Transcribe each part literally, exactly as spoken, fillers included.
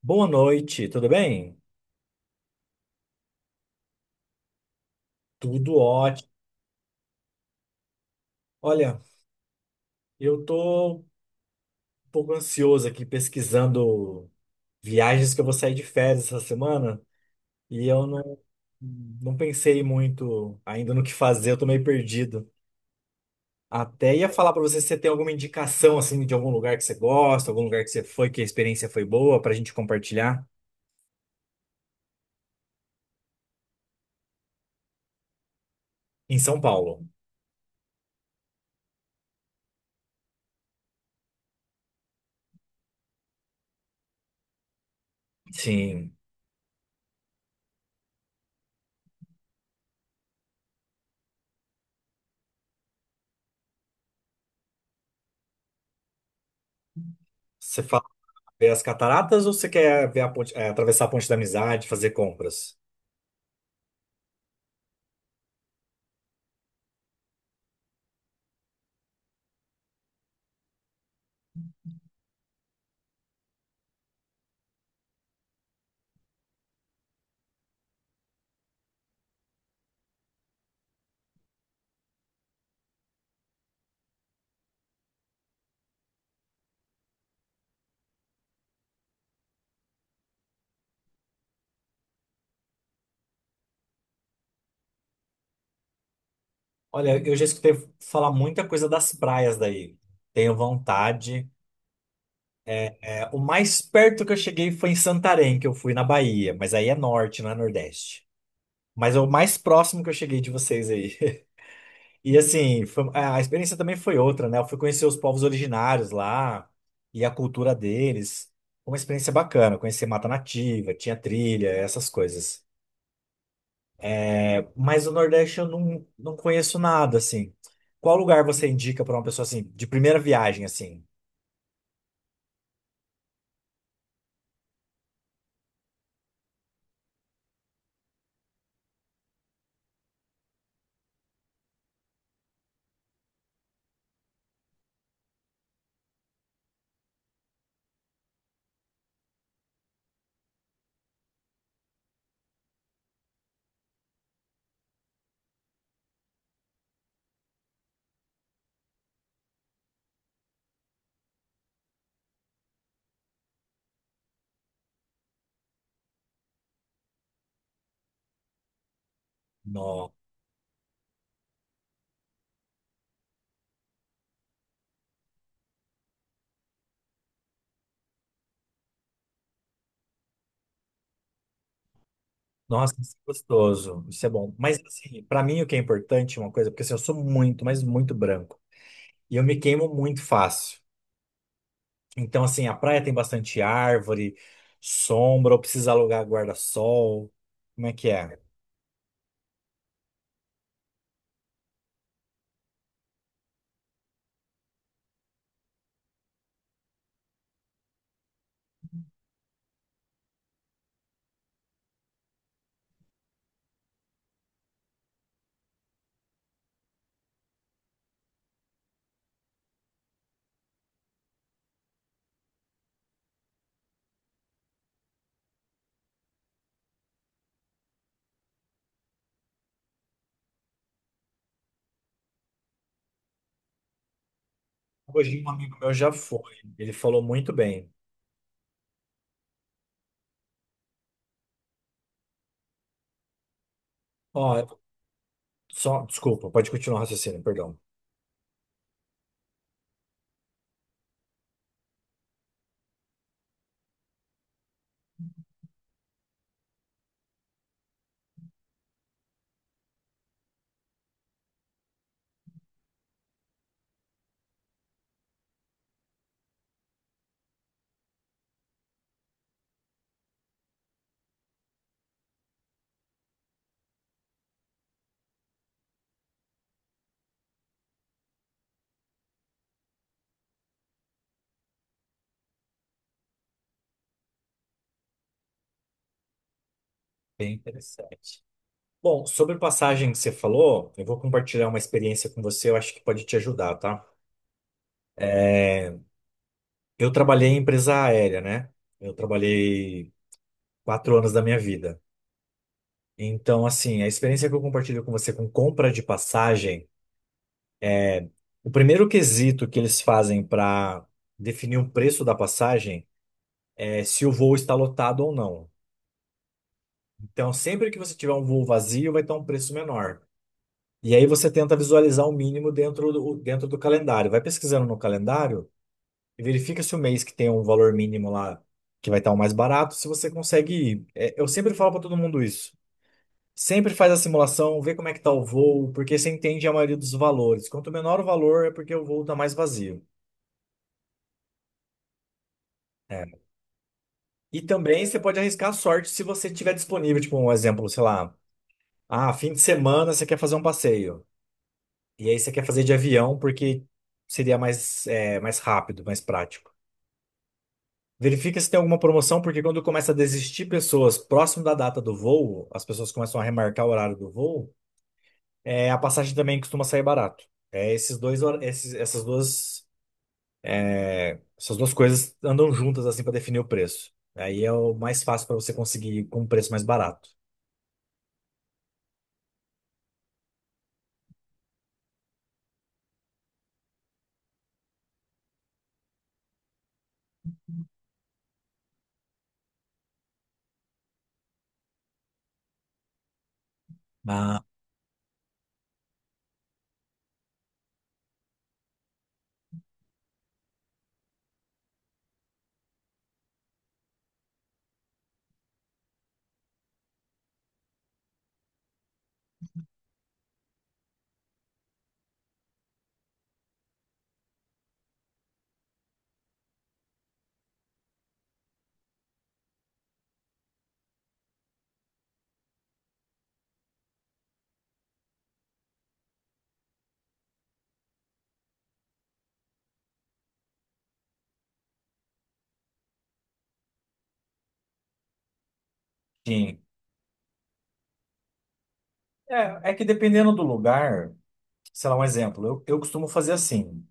Boa noite, tudo bem? Tudo ótimo. Olha, eu tô um pouco ansioso aqui pesquisando viagens que eu vou sair de férias essa semana e eu não, não pensei muito ainda no que fazer, eu tô meio perdido. Até ia falar pra você se você tem alguma indicação assim de algum lugar que você gosta, algum lugar que você foi, que a experiência foi boa pra gente compartilhar em São Paulo. Sim. Você fala ver as cataratas ou você quer ver a ponte, eh, atravessar a Ponte da Amizade, fazer compras? Olha, eu já escutei falar muita coisa das praias daí. Tenho vontade. É, o mais perto que eu cheguei foi em Santarém, que eu fui na Bahia, mas aí é norte, não é nordeste. Mas é o mais próximo que eu cheguei de vocês aí. E assim, foi- a experiência também foi outra, né? Eu fui conhecer os povos originários lá e a cultura deles. Foi uma experiência bacana, conheci mata nativa, tinha trilha, essas coisas. É, mas o Nordeste eu não, não conheço nada, assim. Qual lugar você indica para uma pessoa assim, de primeira viagem, assim? No- Nossa, isso é gostoso. Isso é bom. Mas, assim, pra mim o que é importante é uma coisa, porque assim, eu sou muito, mas muito branco. E eu me queimo muito fácil. Então, assim, a praia tem bastante árvore, sombra, ou precisa alugar guarda-sol. Como é que é? Hoje um amigo meu já foi. Ele falou muito bem. Ó, só, desculpa, pode continuar o raciocínio, perdão. Bem interessante. Bom, sobre passagem que você falou, eu vou compartilhar uma experiência com você, eu acho que pode te ajudar, tá? Eu trabalhei em empresa aérea, né? Eu trabalhei quatro anos da minha vida. Então, assim, a experiência que eu compartilho com você com compra de passagem, o primeiro quesito que eles fazem para definir o preço da passagem é se o voo está lotado ou não. Então, sempre que você tiver um voo vazio, vai estar um preço menor. E aí você tenta visualizar o mínimo dentro do, dentro do calendário. Vai pesquisando no calendário e verifica se o mês que tem um valor mínimo lá, que vai estar o mais barato, se você consegue ir. É, eu sempre falo para todo mundo isso. Sempre faz a simulação, vê como é que tá o voo, porque você entende a maioria dos valores. Quanto menor o valor, é porque o voo tá mais vazio. É. E também você pode arriscar a sorte se você tiver disponível, tipo um exemplo, sei lá, ah, fim de semana você quer fazer um passeio. E aí você quer fazer de avião porque seria mais, é, mais rápido, mais prático. Verifica se tem alguma promoção, porque quando começa a desistir pessoas próximo da data do voo, as pessoas começam a remarcar o horário do voo, é, a passagem também costuma sair barato. É esses dois, hor- esses, essas duas. É, essas duas coisas andam juntas assim para definir o preço. Aí é o mais fácil para você conseguir com um preço mais barato. Ah, sim. É, é que dependendo do lugar, sei lá, um exemplo, eu, eu costumo fazer assim.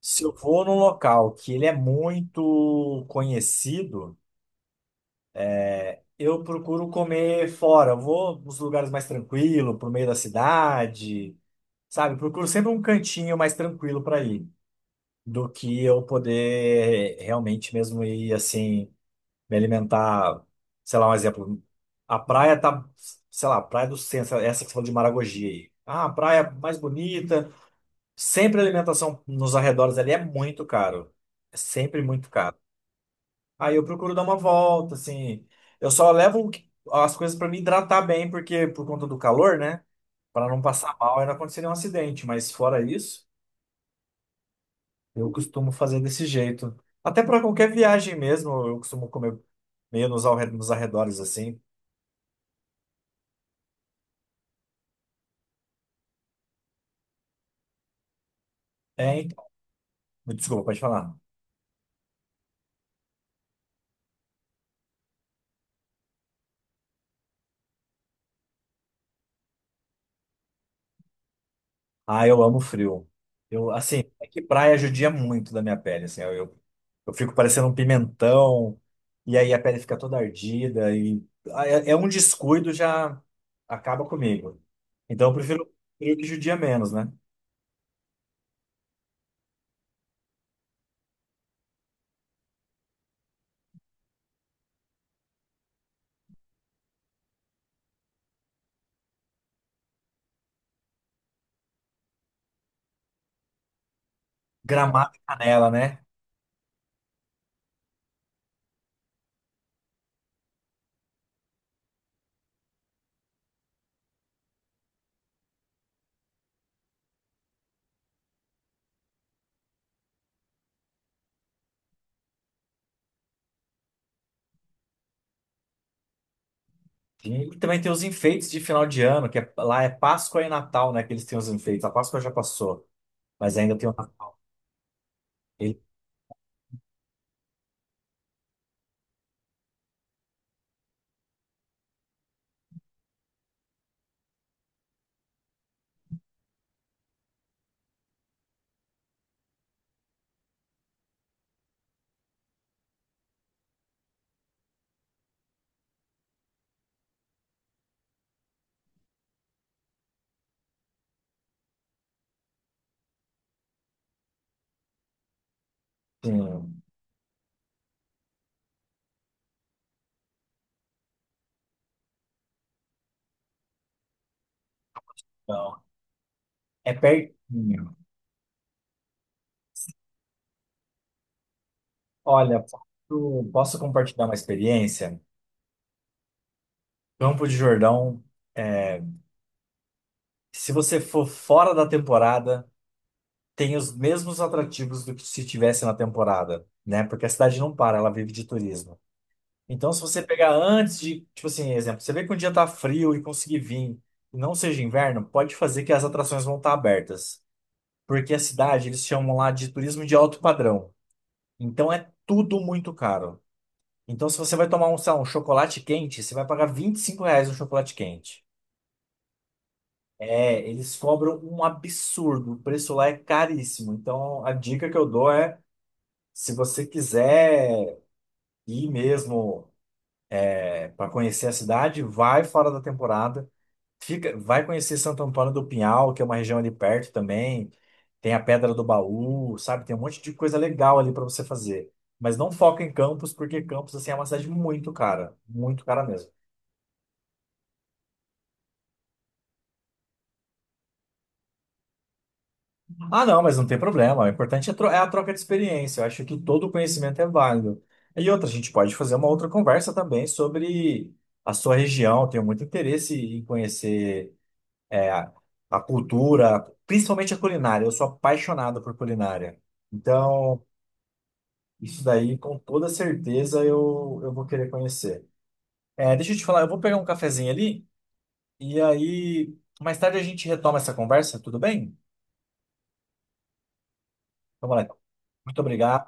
Se eu vou num local que ele é muito conhecido, eu procuro comer fora. Eu vou nos lugares mais tranquilos, pro meio da cidade, sabe? Procuro sempre um cantinho mais tranquilo para ir, do que eu poder realmente mesmo ir assim. Me alimentar, sei lá, um exemplo. A praia tá, sei lá, a Praia do Centro, essa que você falou de Maragogi aí. Ah, a praia mais bonita. Sempre a alimentação nos arredores ali é muito caro. É sempre muito caro. Aí eu procuro dar uma volta, assim. Eu só levo o que- as coisas para me hidratar bem, porque por conta do calor, né? Para não passar mal e não acontecer nenhum acidente. Mas fora isso, eu costumo fazer desse jeito. Até para qualquer viagem mesmo, eu costumo comer meio nos arre- nos arredores, assim. É, desculpa, pode falar. Ah, eu amo frio. Eu, assim, é que praia judia muito da minha pele, assim, eu, eu, eu fico parecendo um pimentão, e aí a pele fica toda ardida, e ah, é, é um descuido já acaba comigo. Então eu prefiro frio que judia menos, né? Gramado e Canela, né? E também tem os enfeites de final de ano, que é- lá é Páscoa e Natal, né, que eles têm os enfeites. A Páscoa já passou, mas ainda tem uma... Ele, tem- então, é pertinho. Olha, posso, posso compartilhar uma experiência? Campo de Jordão, é, se você for fora da temporada, tem os mesmos atrativos do que se tivesse na temporada, né? Porque a cidade não para, ela vive de turismo. Então, se você pegar antes de, tipo assim, exemplo, você vê que um dia tá frio e conseguir vir, e não seja inverno, pode fazer que as atrações vão estar abertas. Porque a cidade, eles chamam lá de turismo de alto padrão. Então, é tudo muito caro. Então, se você vai tomar um, sei lá, um chocolate quente, você vai pagar vinte e cinco reais no chocolate quente. É, eles cobram um absurdo. O preço lá é caríssimo. Então, a dica que eu dou é, se você quiser ir mesmo para conhecer a cidade, vai fora da temporada. Fica, vai conhecer Santo Antônio do Pinhal, que é uma região ali perto também. Tem a Pedra do Baú, sabe? Tem um monte de coisa legal ali para você fazer. Mas não foca em Campos, porque Campos assim é uma cidade muito cara, muito cara mesmo. Ah, não, mas não tem problema. O importante é tro- é a troca de experiência. Eu acho que todo conhecimento é válido. E outra, a gente pode fazer uma outra conversa também sobre a sua região. Eu tenho muito interesse em conhecer é, a a cultura, principalmente a culinária. Eu sou apaixonado por culinária. Então, isso daí, com toda certeza, eu, eu vou querer conhecer. É, deixa eu te falar, eu vou pegar um cafezinho ali e aí mais tarde a gente retoma essa conversa, tudo bem? Então, moleque, muito obrigado.